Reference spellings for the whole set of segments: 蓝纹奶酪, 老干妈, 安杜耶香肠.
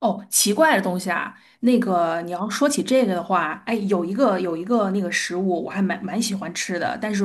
哦，奇怪的东西啊，那个你要说起这个的话，哎，有一个那个食物，我还蛮喜欢吃的，但是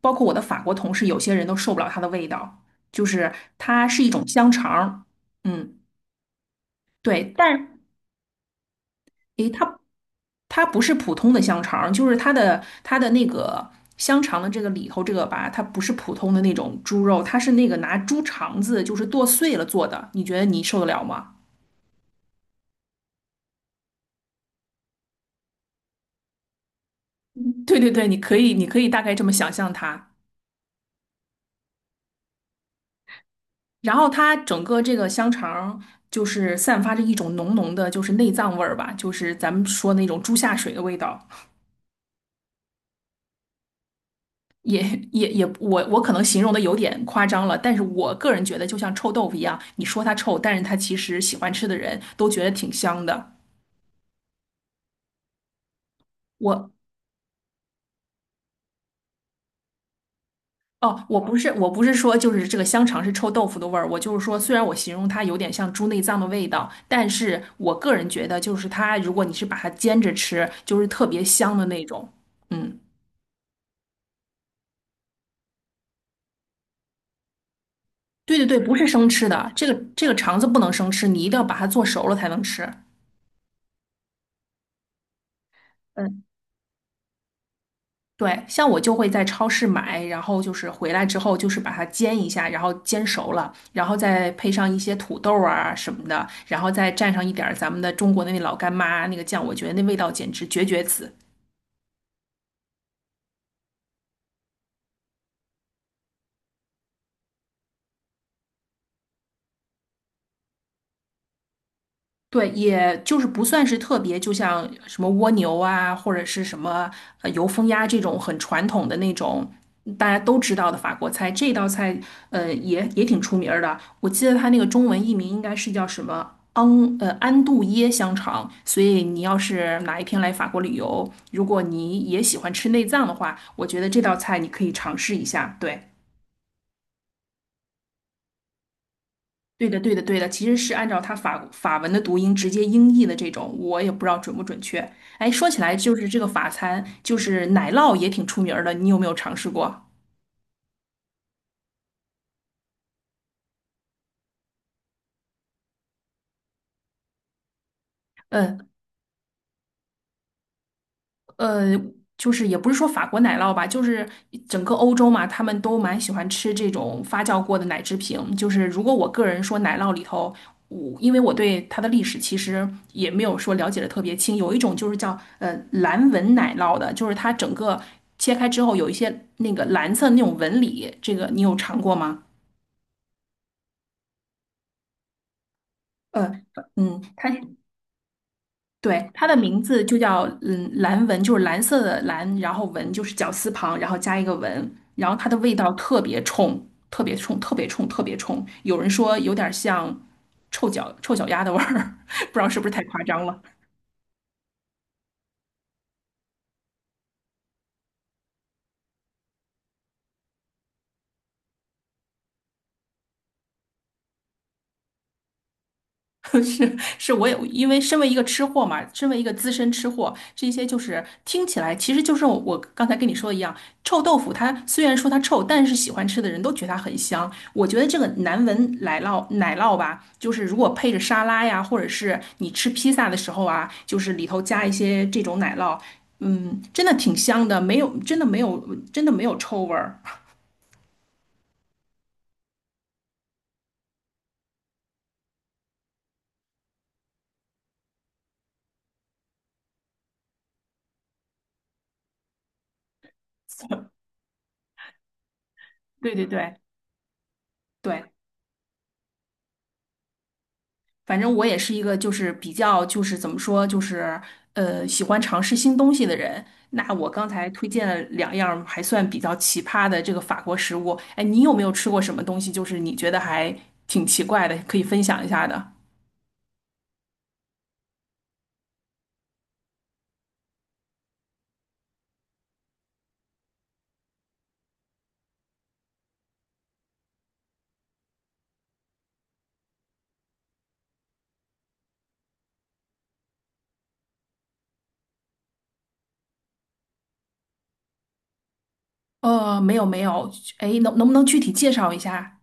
包括我的法国同事，有些人都受不了它的味道，就是它是一种香肠儿。嗯，对，但是诶，它不是普通的香肠儿，就是它的那个香肠的这个里头这个吧，它不是普通的那种猪肉，它是那个拿猪肠子就是剁碎了做的，你觉得你受得了吗？对对对，你可以大概这么想象它。然后它整个这个香肠就是散发着一种浓浓的，就是内脏味儿吧，就是咱们说那种猪下水的味道，也也，我可能形容的有点夸张了，但是我个人觉得就像臭豆腐一样，你说它臭，但是它其实喜欢吃的人都觉得挺香的。我哦，我不是说就是这个香肠是臭豆腐的味儿，我就是说，虽然我形容它有点像猪内脏的味道，但是我个人觉得就是它，如果你是把它煎着吃，就是特别香的那种，嗯。对对对，不是生吃的，这个肠子不能生吃，你一定要把它做熟了才能吃。嗯，对，像我就会在超市买，然后就是回来之后就是把它煎一下，然后煎熟了，然后再配上一些土豆啊什么的，然后再蘸上一点儿咱们的中国的那老干妈那个酱，我觉得那味道简直绝绝子。对，也就是不算是特别，就像什么蜗牛啊，或者是什么油封鸭这种很传统的那种大家都知道的法国菜，这道菜也挺出名儿的。我记得它那个中文译名应该是叫什么昂安杜耶香肠。所以你要是哪一天来法国旅游，如果你也喜欢吃内脏的话，我觉得这道菜你可以尝试一下。对。对的，对的，对的，其实是按照它法文的读音直接音译的这种，我也不知道准不准确。哎，说起来就是这个法餐，就是奶酪也挺出名儿的，你有没有尝试过？嗯，呃，就是也不是说法国奶酪吧，就是整个欧洲嘛，他们都蛮喜欢吃这种发酵过的奶制品。就是如果我个人说奶酪里头，我因为我对它的历史其实也没有说了解的特别清，有一种就是叫蓝纹奶酪的，就是它整个切开之后有一些那个蓝色那种纹理，这个你有尝过吗？呃，嗯，它。对，它的名字就叫嗯蓝纹，就是蓝色的蓝，然后纹就是绞丝旁，然后加一个纹，然后它的味道特别冲，特别冲，特别冲，特别冲。有人说有点像臭脚丫的味儿，不知道是不是太夸张了。是是，我也因为身为一个吃货嘛，身为一个资深吃货，这些就是听起来，其实就是我刚才跟你说的一样，臭豆腐它虽然说它臭，但是喜欢吃的人都觉得它很香。我觉得这个难闻奶酪吧，就是如果配着沙拉呀，或者是你吃披萨的时候啊，就是里头加一些这种奶酪，嗯，真的挺香的，没有臭味儿。对对对对。反正我也是一个就是比较就是怎么说就是喜欢尝试新东西的人。那我刚才推荐了两样儿还算比较奇葩的这个法国食物，哎，你有没有吃过什么东西？就是你觉得还挺奇怪的，可以分享一下的？没有没有，哎，能能不能具体介绍一下？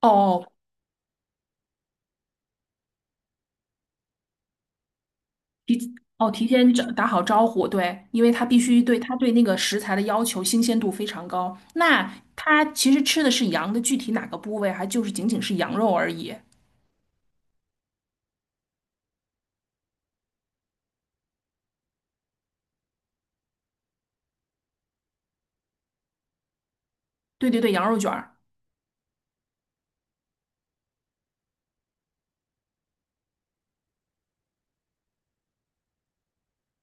哦哦，提前找打好招呼，对，因为他必须对他对那个食材的要求新鲜度非常高。那他其实吃的是羊的具体哪个部位，还就是仅仅是羊肉而已。对对对，羊肉卷儿。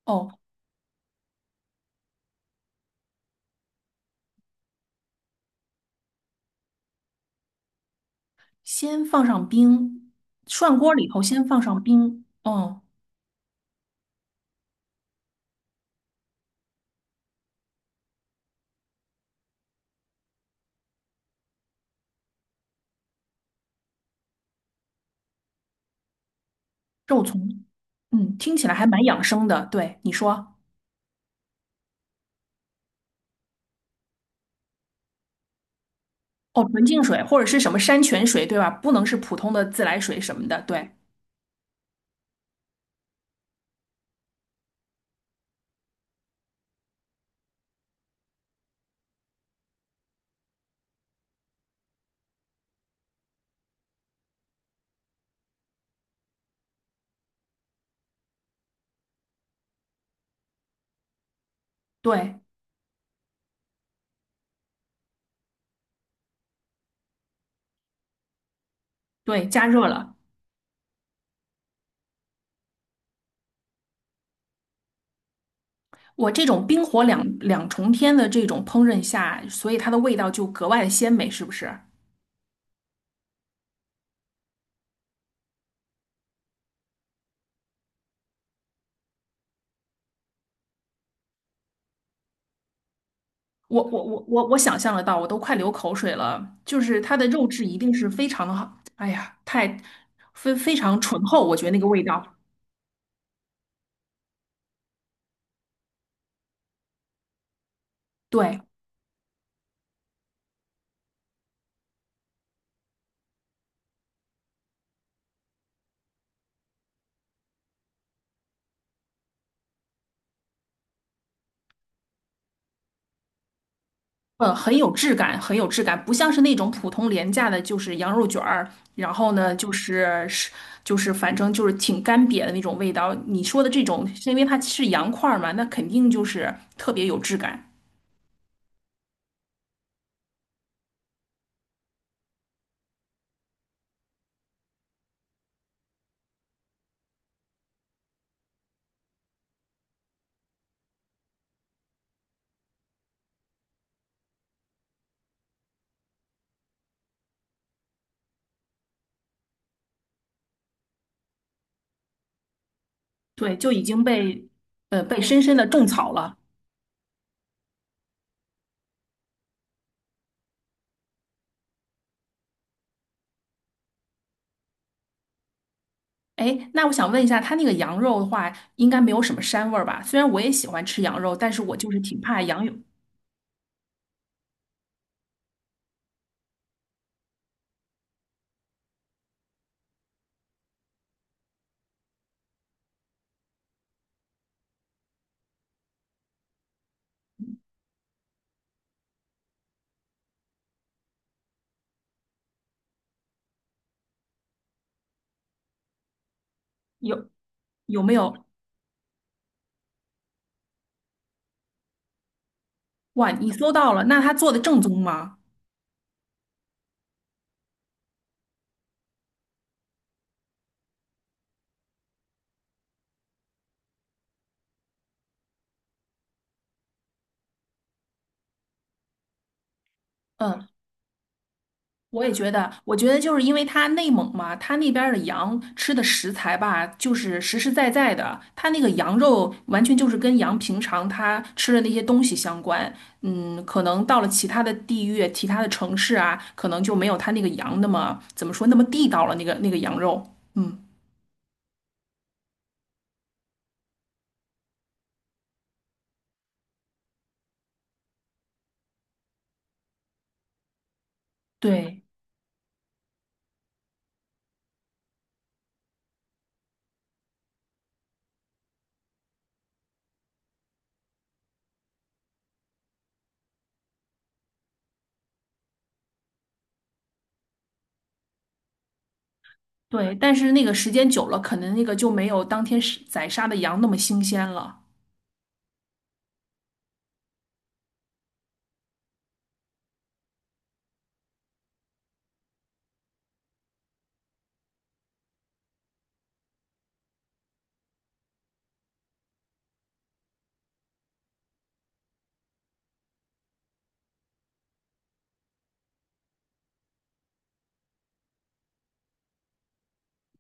哦，先放上冰，涮锅里头先放上冰。哦，肉丛，嗯，听起来还蛮养生的。对，你说，哦，纯净水或者是什么山泉水，对吧？不能是普通的自来水什么的。对对对，加热了。我这种冰火两重天的这种烹饪下，所以它的味道就格外的鲜美，是不是？我想象得到，我都快流口水了。就是它的肉质一定是非常的好，哎呀，太非常醇厚，我觉得那个味道，对，很有质感，很有质感，不像是那种普通廉价的，就是羊肉卷儿，然后呢，就是是就是反正就是挺干瘪的那种味道。你说的这种，是因为它是羊块儿嘛，那肯定就是特别有质感，对，就已经被被深深的种草了。哎，那我想问一下，他那个羊肉的话，应该没有什么膻味儿吧？虽然我也喜欢吃羊肉，但是我就是挺怕羊有有没有？哇，你搜到了，那他做的正宗吗？嗯。我也觉得，我觉得就是因为它内蒙嘛，它那边儿的羊吃的食材吧，就是实实在在的，它那个羊肉完全就是跟羊平常它吃的那些东西相关。嗯，可能到了其他的地域、其他的城市啊，可能就没有它那个羊那么怎么说那么地道了，那个羊肉。嗯，对对，但是那个时间久了，可能那个就没有当天是宰杀的羊那么新鲜了。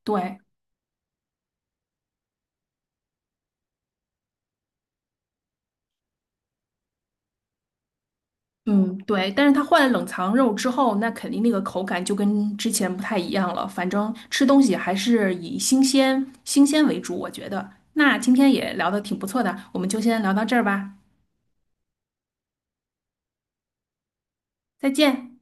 对。嗯，对，但是它换了冷藏肉之后，那肯定那个口感就跟之前不太一样了。反正吃东西还是以新鲜为主，我觉得。那今天也聊得挺不错的，我们就先聊到这儿吧，再见。